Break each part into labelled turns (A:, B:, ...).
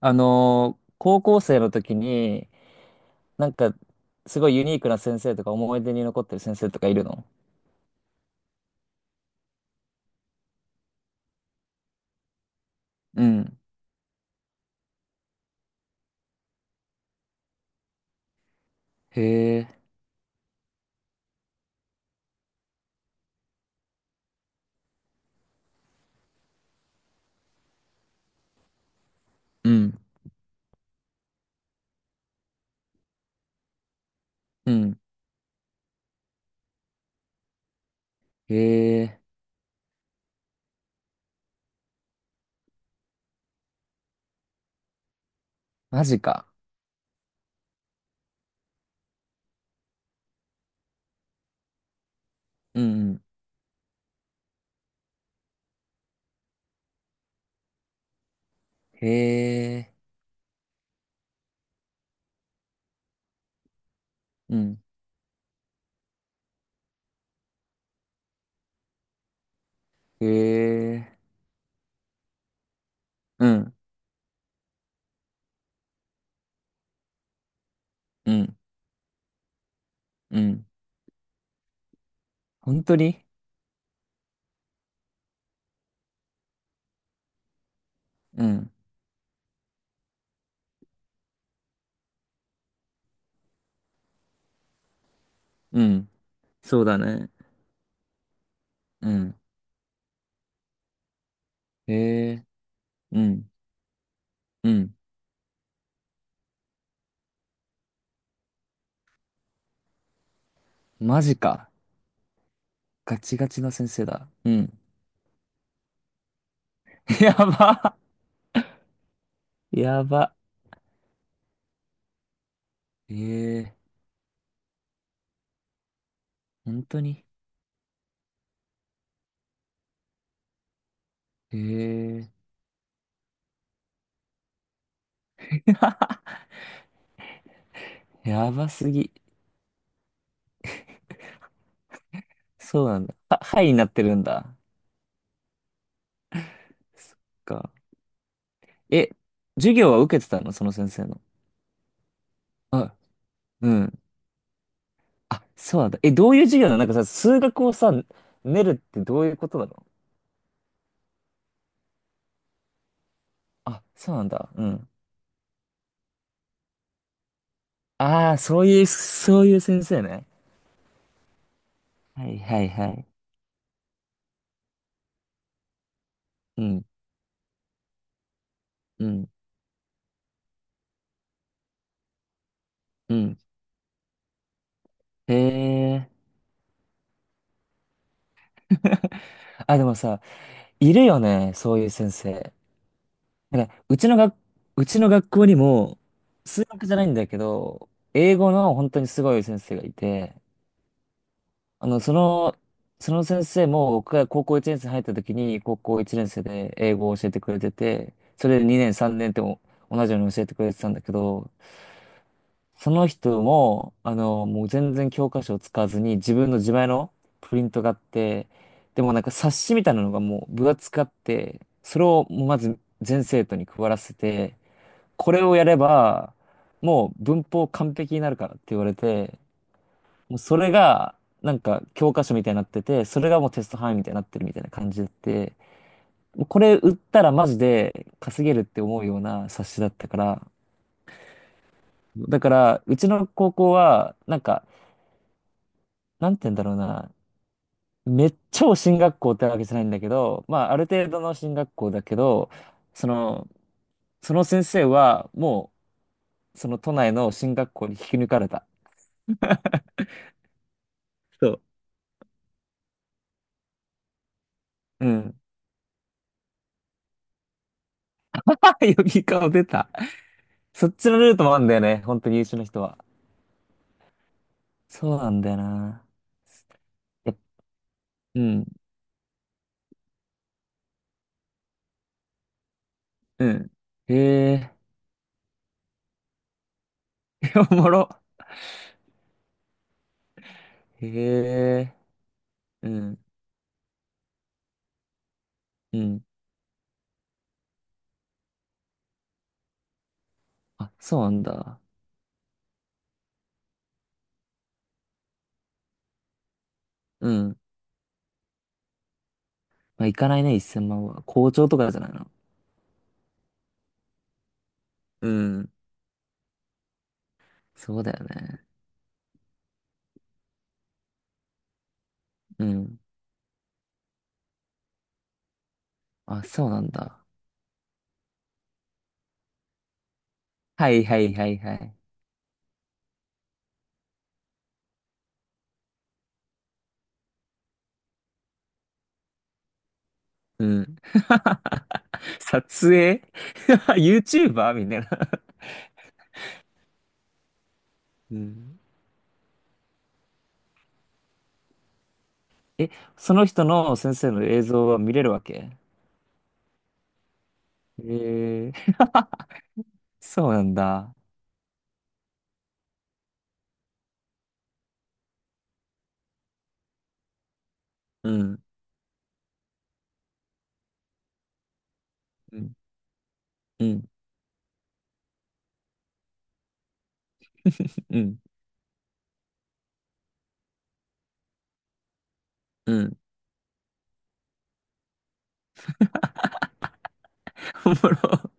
A: 高校生の時に、なんか、すごいユニークな先生とか思い出に残ってる先生とかいるの？うん。へえ。うん。うん。へえ。マジか。うんうん。へえ。うん。へえ。うん。うん。うん。本当に？うん。うん。そうだね。うん。へえ。うん。うん。マジか。ガチガチの先生だ。うん。やば。やば。へえ。本当に？へえ。やばすぎ。そうなんだ。はいになってるんだ。そっか。え、授業は受けてたのその先生の？あ、うん。あ、そうなんだ。え、どういう授業なの？なんかさ、数学をさ、練るってどういうことなの？あ、そうなんだ。うん。ああ、そういう先生ね。はいはいはい。うん、うん、うん。へえ。あ、でもさ、いるよね、そういう先生。なんか、うちの学校にも、数学じゃないんだけど、英語の本当にすごい先生がいて、あの、その、その先生も僕が高校1年生入った時に、高校1年生で英語を教えてくれてて、それで2年3年っても同じように教えてくれてたんだけど、その人も、あの、もう全然教科書を使わずに自分の自前のプリントがあって、でもなんか冊子みたいなのがもう分厚くあって、それをもうまず全生徒に配らせて、これをやれば、もう文法完璧になるからって言われて、もうそれが、なんか教科書みたいになってて、それがもうテスト範囲みたいになってるみたいな感じで、もうこれ売ったらマジで稼げるって思うような冊子だったから、だから、うちの高校は、なんか、なんて言うんだろうな、めっちゃ進学校ってわけじゃないんだけど、まあ、ある程度の進学校だけど、その、その先生は、もう、その都内の進学校に引き抜かれた。そう。うん。ヨギ顔出た。そっちのルートもあるんだよね。本当に優秀な人は。そうなんだよな。やっうん、うん。へえ、おもろ。へえ、うん、うん。あ、そうなんだ。うん。まあ、行かないね、1000万は。校長とかじゃないの？うん。そうだよね。うん。あ、そうなんだ。はいはいはいはい。うん。撮影 ?YouTuber? みたいな。うん。え、その人の先生の映像は見れるわけ？ええ、 そうなんだ。うん、うん、うん、うん、うん。おもろ。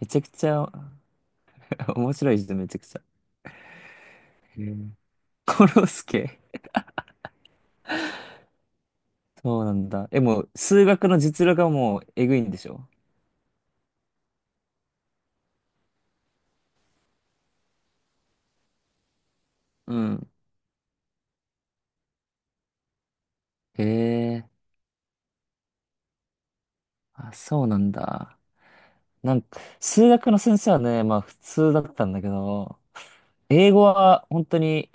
A: めちゃくちゃ 面白い人めちゃくちゃ。うん。コロスケ。そうなんだ。え、もう、数学の実力がもう、えぐいんでしょ？うん、へえ、あ、そうなんだ。なんか、数学の先生はね、まあ普通だったんだけど、英語は本当に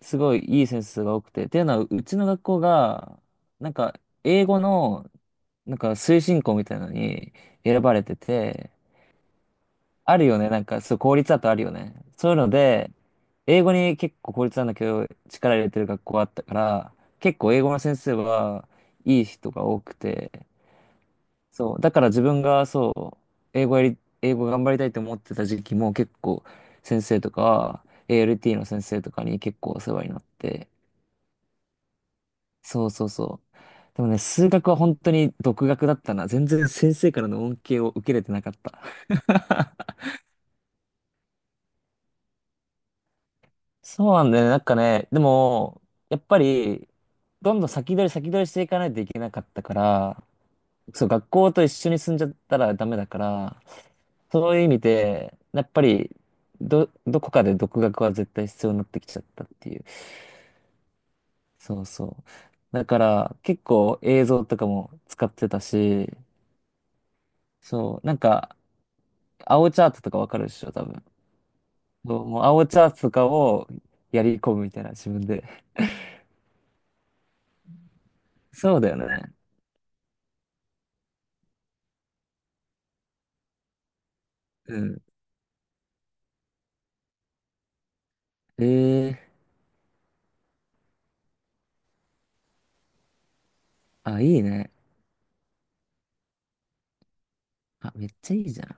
A: すごいいい先生が多くて、っていうのはうちの学校が、なんか英語のなんか推進校みたいなのに選ばれてて、あるよね。なんか、そう、公立だとあるよね。そういうので、英語に結構公立なんだけど、力入れてる学校あったから、結構英語の先生はいい人が多くて、そう、だから自分がそう、英語頑張りたいと思ってた時期も結構先生とか、ALT の先生とかに結構お世話になって、そうそうそう。でもね、数学は本当に独学だったな。全然先生からの恩恵を受けれてなかった。そうなんだよね。なんかね、でも、やっぱり、どんどん先取り先取りしていかないといけなかったから、そう、学校と一緒に住んじゃったらダメだから、そういう意味で、やっぱり、どこかで独学は絶対必要になってきちゃったっていう。そうそう。だから、結構映像とかも使ってたし、そう、なんか、青チャートとかわかるでしょ、多分。そう、もう青チャートとかをやり込むみたいな、自分で。そうだよね。うん。ええー、あ、いいね。あ、めっちゃいいじゃん。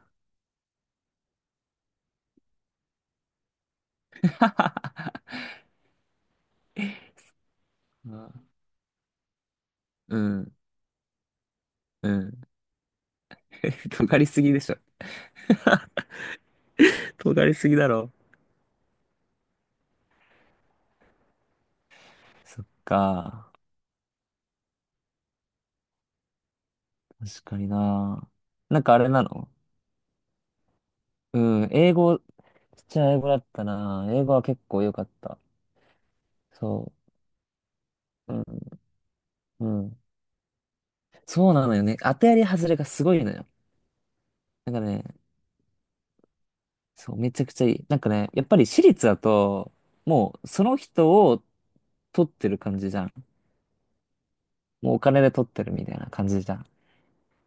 A: あ、うん、うん。尖りすぎでしょ。尖りすぎだろ。そっか。確かにな。なんかあれなの？うん、英語、ちっちゃい英語だったな。英語は結構良かった。そう。うん、うん。そうなのよね。当てやり外れがすごいのよ。なんかね、そう、めちゃくちゃいい。なんかね、やっぱり私立だと、もうその人を取ってる感じじゃん。もうお金で取ってるみたいな感じじゃん。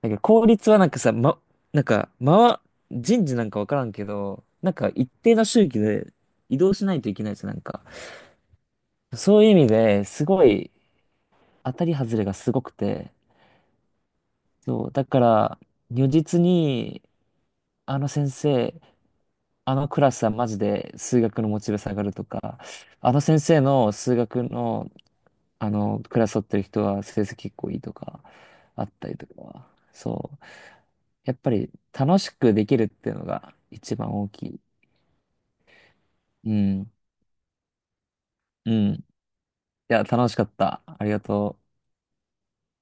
A: なんか効率はなんかさ、ま、なんか、ま、人事なんかわからんけど、なんか一定の周期で移動しないといけないですなんか。そういう意味ですごい当たり外れがすごくて、そう、だから如実に、あの先生あのクラスはマジで数学のモチベ下がるとか、あの先生の数学の、あのクラス取ってる人は成績結構いいとか、あったりとか、そう。やっぱり楽しくできるっていうのが一番大きい。うん。うん。いや、楽しかった。ありがとう。